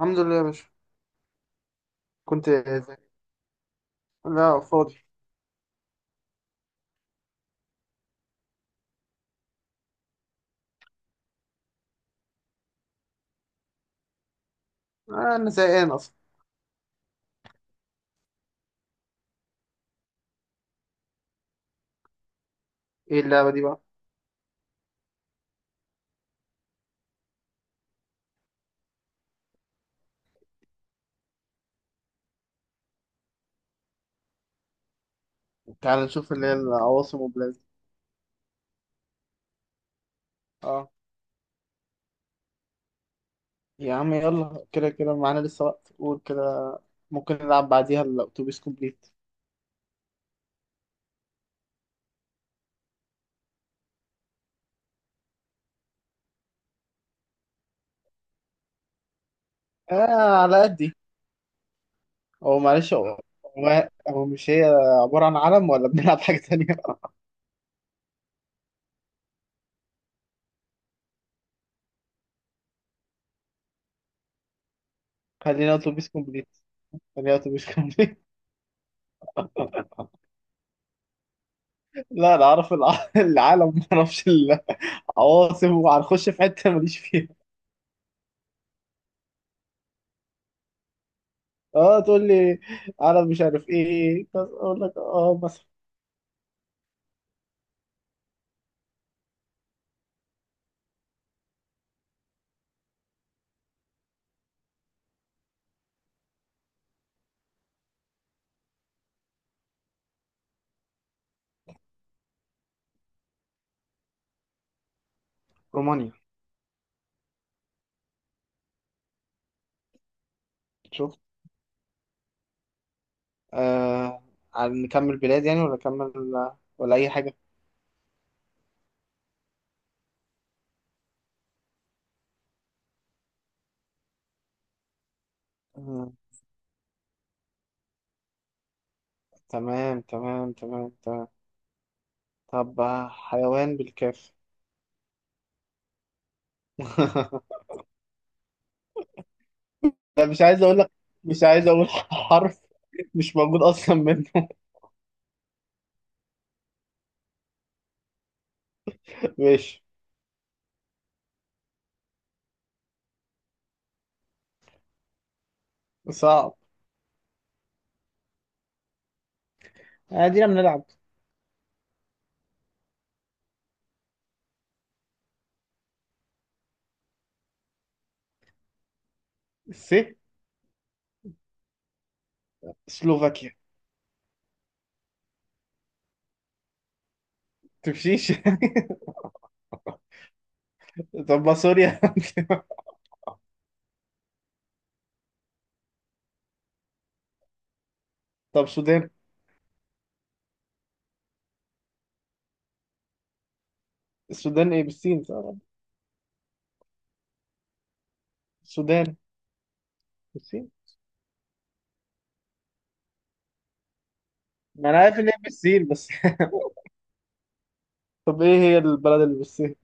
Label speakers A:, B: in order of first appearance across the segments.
A: الحمد لله يا باشا. كنت زي... لا، فاضي. انا زهقان اصلا. ايه اللعبه دي بقى؟ تعال نشوف، اللي هي العواصم والبلاد. اه. يا عم، يلا كده كده، معانا لسه وقت، قول كده. ممكن نلعب بعديها الاتوبيس كومبليت. اه، على قدي. هو معلش، هو مش هي. عباره عن علم، ولا بنلعب حاجه تانية؟ خلينا اتوبيس كومبليت. خلينا اتوبيس كومبليت. لا، انا اعرف العالم، ما اعرفش العواصم، وهنخش في حته ماليش فيها. اه، تقول لي عرب مش عارف ايه، بس اقول لك، اه، مثلا. رومانيا. شوف. آه نكمل بلاد، يعني، ولا نكمل، ولا اي حاجه؟ آه، تمام تمام تمام تمام. طب، حيوان بالكاف. لا، مش عايز اقول لك. مش عايز اقول حرف مش موجود اصلا منه. ماشي. صعب. ادينا بنلعب. س. سلوفاكيا. تمشيش. طب ما سوريا. طب، السودان. السودان ايه، بالسين، صح؟ السودان. بالسين. ما انا عارف ان هي بالسين، بس. طب، ايه هي البلد اللي بالسين؟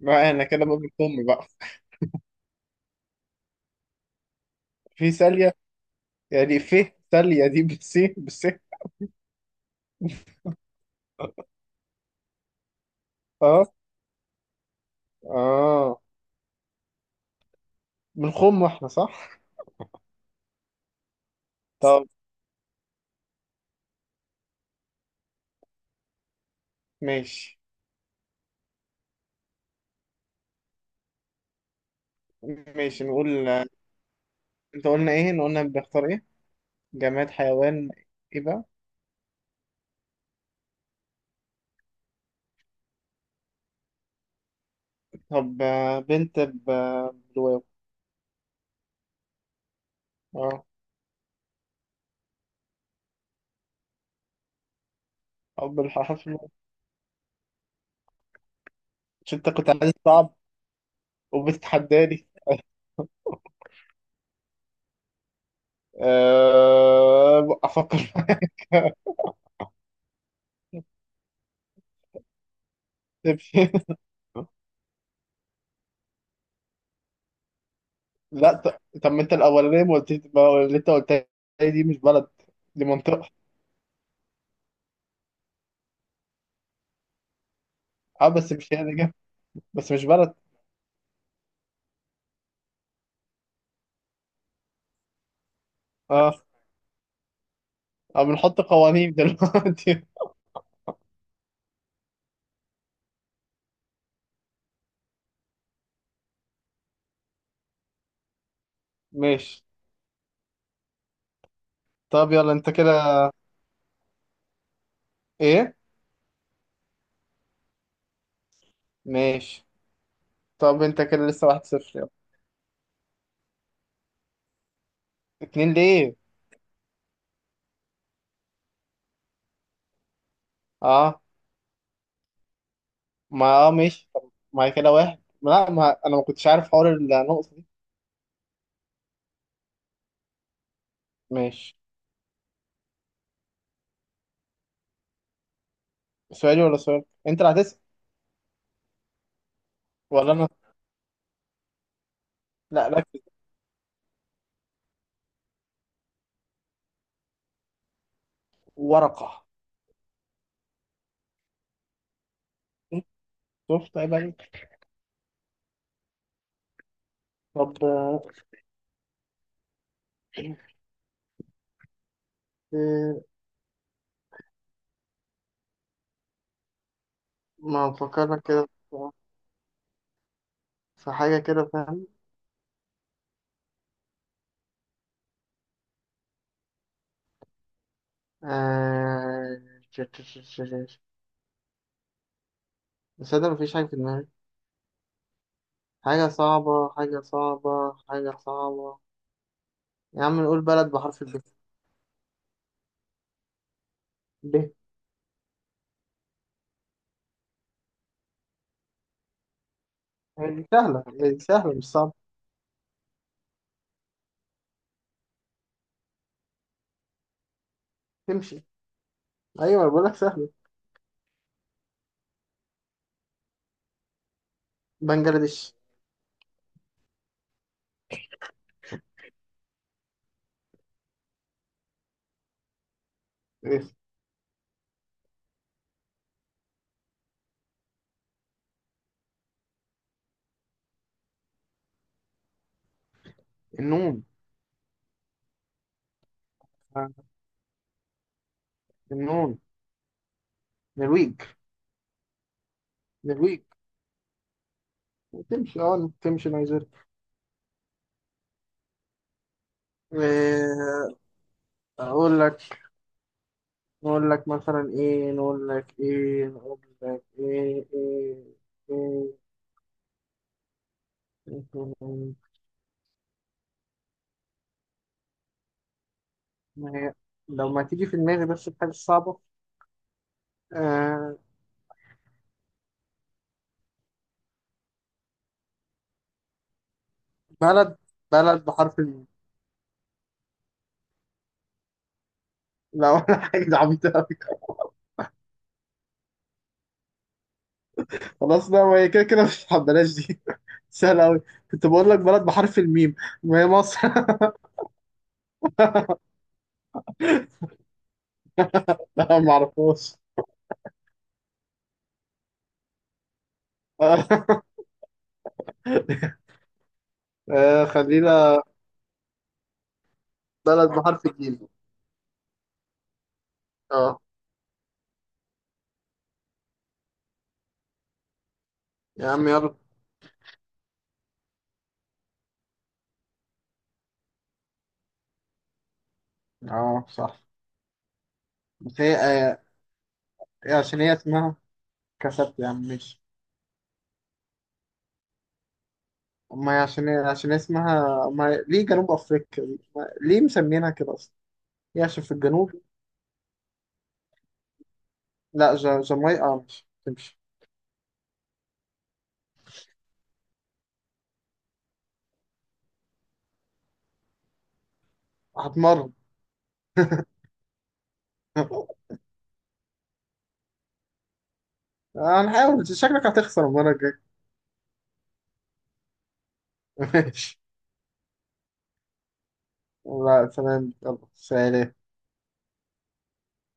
A: ما انا كده بقول امي بقى. في ساليه. يعني في ساليه دي بالسين بالسين؟ اه، اه. من خم واحنا صح. طب. ماشي. ماشي، نقول. انت قلنا ايه، إن قلنا بنختار ايه؟ جماد، حيوان. ايه بقى؟ طب، بنت بالواو. اه. او بالحرف الواو. عشان انت كنت عايز صعب وبتتحداني. افكر. لا، طب، ما انت الاولانيه ما قلتيش، ما اللي انت قلتها دي مش بلد، دي منطقه. اه، بس مش هي اللي بس مش بلد. اه، اه، بنحط قوانين دلوقتي؟ ماشي. طب يلا، انت كده. ايه. ماشي. طب انت كده لسه 1-0، يلا. اتنين ليه؟ اه، ما اه ماشي، طب ما هي كده واحد، ما لا، ما انا ما كنتش عارف حوار النقطه دي. ماشي. سؤالي ولا سؤال انت اللي هتسأل؟ ولا انا. لا، ركز. ورقه. شفت؟ عيب عليك. طب، إيه؟ ما بفكرك كده في حاجة كده، فاهم؟ آه... ش- ش- ش- ش- ش- بس أنا مفيش حاجة في دماغي، حاجة صعبة، حاجة صعبة، حاجة صعبة. يا عم، نقول بلد بحرف الب. ب، ب. هي دي سهلة، هي دي سهلة، مش صعبة. تمشي. أيوة، أنا بقولك سهلة. بنجلاديش. إيه؟ النون. آه، النون. نرويج. نرويج تمشي، اه، تمشي نيجيريا. آه، أقول لك. نقول لك مثلا ايه، نقول لك ايه، نقول لك ايه، ايه، ايه، إيه. ما هي لو ما تيجي في دماغي بس الحاجة الصعبة. آه. بلد بلد بحرف الميم. لا، ولا حاجة، دي عبيطة أوي. خلاص، لا، ما هي كده كده مش بلاش دي. سهلة أوي. كنت بقول لك بلد بحرف الميم، ما هي مصر. لا، ما أعرفهاش. آه، خلينا. بلد بحرف الجيم. اه. يا عم، يلا. اه، صح. بس هي عشان هي اسمها. كسبت يا عم، ماشي. ما هي عشان اسمها. ما ليه جنوب افريقيا دي؟ ما... ليه مسمينها كده اصلا. هي عشان في الجنوب. لا، جامايقا مش تمشي. هتمرن. هنحاول، شكلك هتخسر المره الجايه. ماشي. لا، تمام، يلا، سلام.